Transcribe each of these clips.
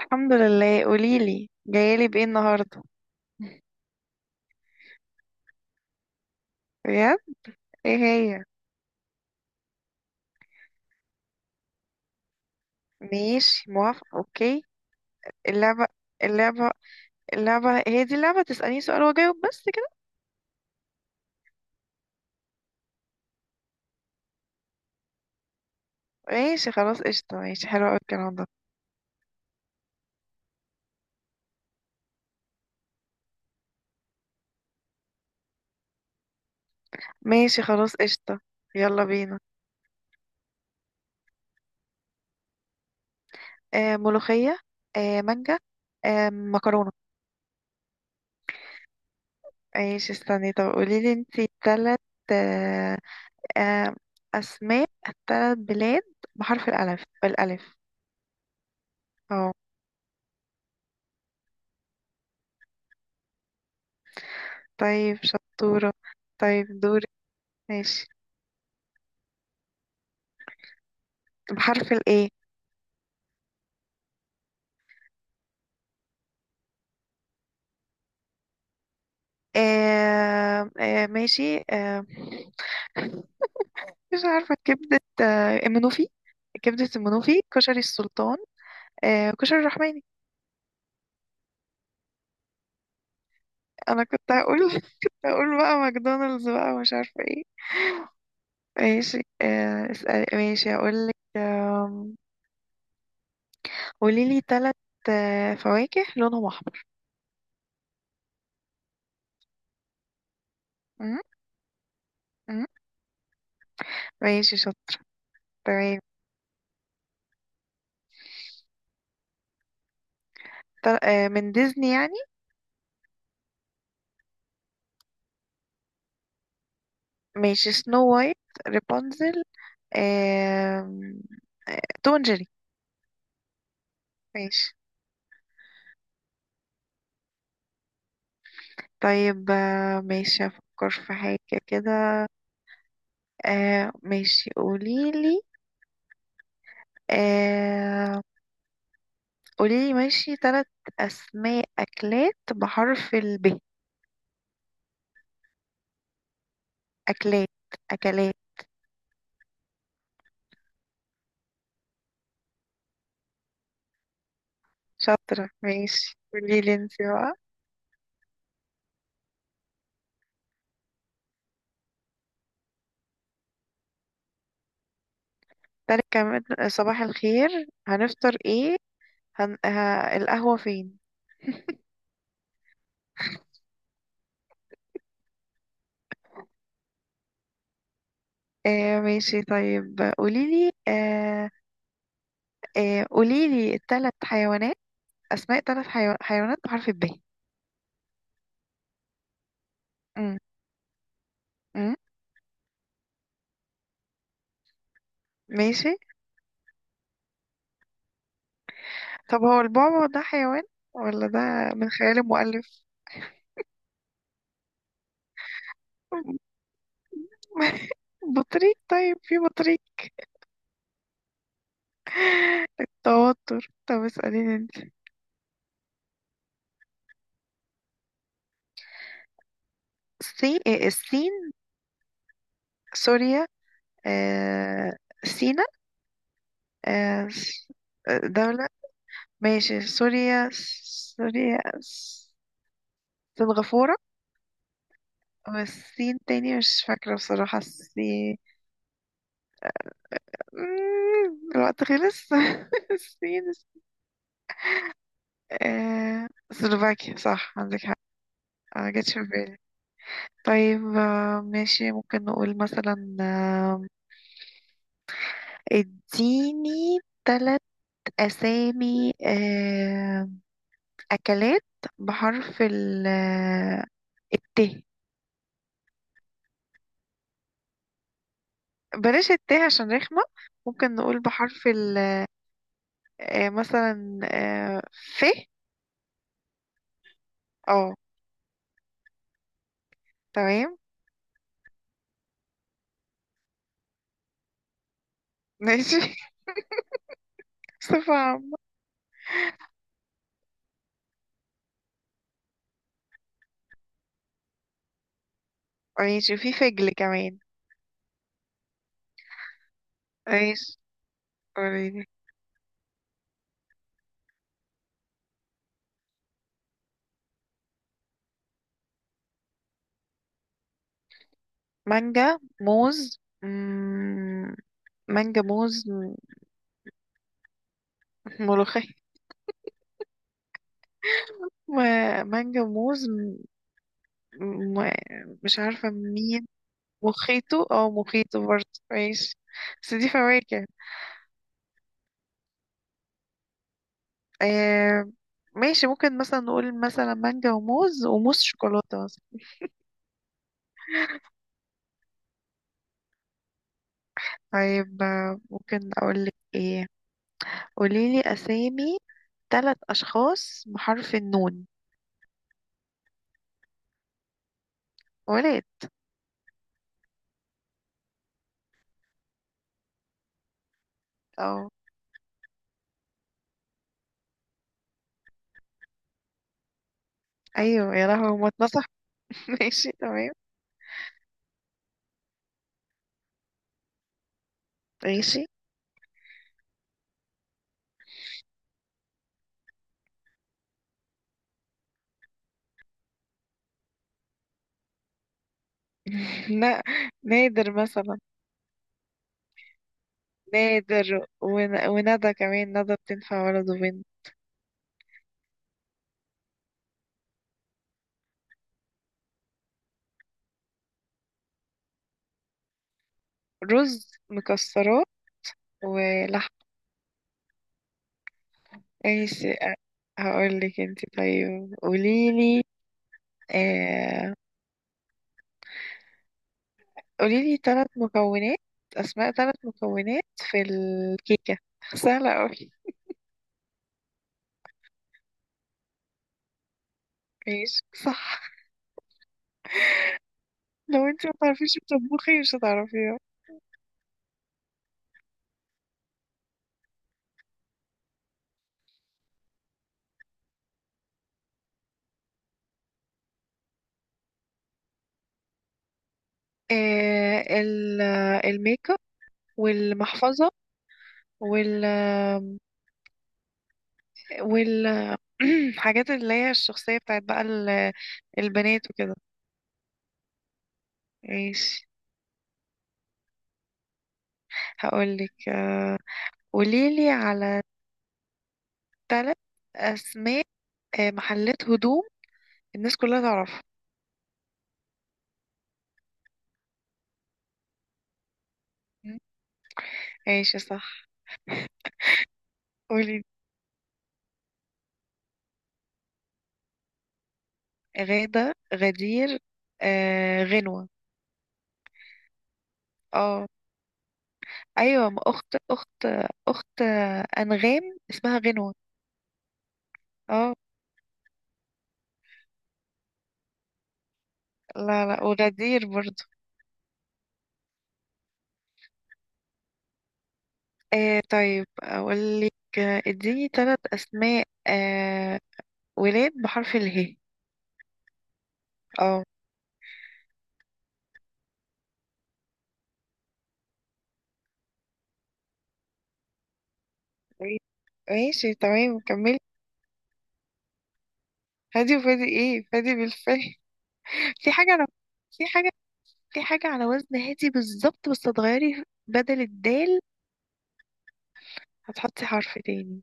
الحمد لله، قوليلي جايالي بايه النهارده؟ بجد. ايه هي؟ ماشي، موافقة، اوكي. اللعبة اللعبة اللعبة هي دي اللعبة، تسأليني سؤال واجاوب بس كده. ماشي خلاص قشطة، ماشي حلو اوي الكلام ده. ماشي خلاص قشطة. يلا بينا. آه، ملوخية. آه، مانجا. آه، مكرونة. ماشي، استني طب قوليلي انتي تلات، آه آه اسماء، تلات بلاد بحرف الألف، بالألف. اه. طيب شطورة. طيب دورك. ماشي. بحرف الايه. آه آه ماشي آه مش عارفة، كبدة المنوفي. كبدة المنوفي، كشري السلطان. كشري الرحماني. أنا كنت هقول، كنت هقول بقى ماكدونالدز بقى، ومش عارفة ايه. ماشي. اسأل. ماشي هقولك. قوليلي تلت فواكه لونهم أحمر. م- م- ماشي شاطر. تمام. من ديزني يعني. ماشي، سنو وايت، رابنزل، آم، آه، توم اند جيري. ماشي. طيب ماشي افكر في حاجة كده. ماشي قوليلي. آه، قوليلي ماشي تلات اسماء اكلات بحرف الب. اكلات اكلات. شاطرة ماشي، قوليلي انتي بقى. تالت كمان. صباح الخير، هنفطر ايه؟ هن... ه... القهوة فين؟ ماشي، طيب قوليلي، قوليلي تلات حيوانات، أسماء ثلاث حيوانات بحرف الب. أم، أم، ماشي. طب هو البعبع ده حيوان ولا ده من خيال المؤلف. بطريق، طيب في بطريق. توتر. طب اسأليني انت. الصين، إيه، الصين، سوريا، آه... سينا، آه... س- دولة. ماشي سوريا، سوريا س- سنغافورة، والصين تاني. مش فاكرة بصراحة الصين. الوقت خلص. الصين. سلوفاكيا، صح عندك حق. ما جاتش في بالي. طيب ماشي، ممكن نقول مثلا اديني ثلاث أسامي، أكلات بحرف ال، الت. بلاش الت عشان رخمة. ممكن نقول بحرف ال مثلا آه، ف. اه. تمام. ماشي، بصفة عامة. ماشي، وفي فجل كمان. ماشي قوليلي. مانجا، موز، مانجا، موز، ملوخية. مانجا، موز، مش عارفة مين. مخيطه، اه مخيطه برضه، ماشي، بس دي فواكه. آه، ماشي ممكن مثلا نقول مثلا مانجا، وموز، شوكولاتة مثلا. طيب ممكن أقولك ايه. قوليلي أسامي، تلات أشخاص بحرف النون. ولاد. اه. أيوه، يا لهوي، ما اتنصح. ماشي تمام. ماشي. لا، نادر مثلا. نادر وندى كمان، ندى بتنفع ولد وبنت. رز، مكسرات، ولحم. ماشي. هقول لك انت، طيب قوليلي آه قوليلي ثلاث مكونات، اسماء ثلاث مكونات في الكيكة، سهلة قوي. ماشي صح. لو انت ما تعرفيش تطبخي مش هتعرفيها. آه ال- الميك اب، والمحفظة، وال وال حاجات اللي هي الشخصية بتاعت بقى البنات وكده. ماشي. هقولك قوليلي على ثلاث أسماء محلات هدوم الناس كلها تعرفها. م؟ ماشي صح. قولي. غادة، غدير، غنوة. اه. ايوه، ما اخت انغام اسمها غنوة. اه. لا لا، وغدير برضو. آه، طيب اقول لك اديني ثلاث اسماء ولاد بحرف اله. اه. قولي. ماشي تمام، كملي. هادي وفادي، ايه، فادي بالفعل. في حاجة أنا، في حاجة، في حاجة على وزن هادي بالظبط، بس هتغيري بدل الدال هتحطي حرف تاني.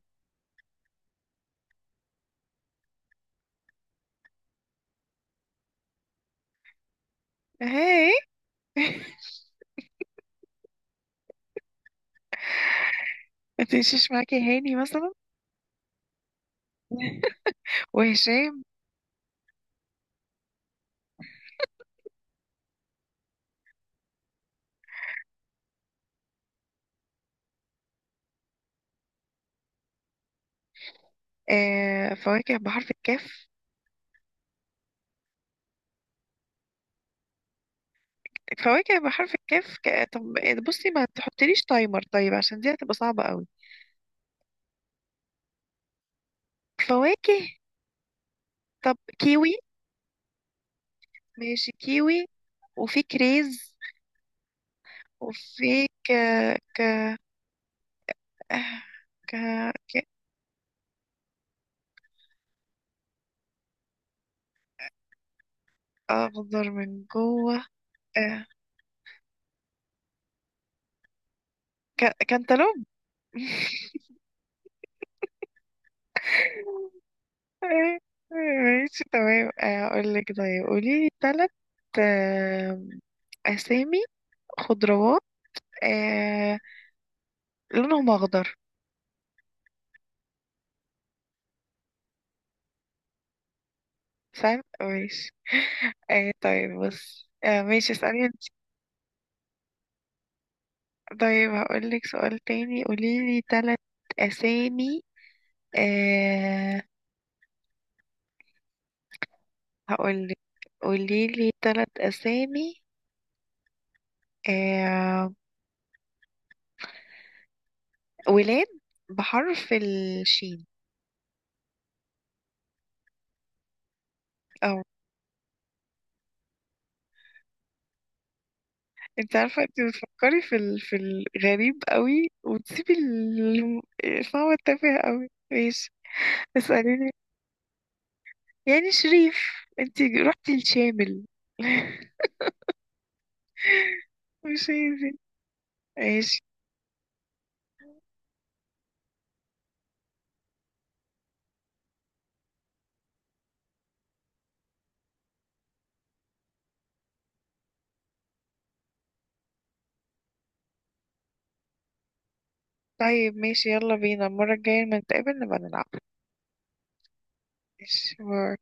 هاي. متمشيش معاكي، هاني مثلا، وهشام. آه، فواكه بحرف الكاف. فواكه بحرف الكاف، طب بصي ما تحطليش تايمر طيب، عشان دي هتبقى صعبة قوي. فواكه. طب كيوي. ماشي كيوي. وفي كريز. وفي ك... ك... آه، ك... ك... اخضر من جوه. آه، كانتالوب. آه، ماشي تمام، اقول لك، طيب قولي لي ثلاث اسامي خضروات، آه، لونهم اخضر. سهل، ماشي. طيب بص، ماشي اسالني انت. طيب هقول لك سؤال تاني، قولي لي ثلاث اسامي، آه، هقول لك قولي لي ثلاث اسامي ولاد بحرف الشين. اه. انت عارفة انت بتفكري في في الغريب قوي، وتسيبي فهو التافه قوي. ماشي اسأليني، يعني شريف، انت رحتي الشامل. مش عايزين. ماشي. طيب ماشي، يلا بينا المرة الجاية لما نتقابل نبقى نلعب. ماشي، باي.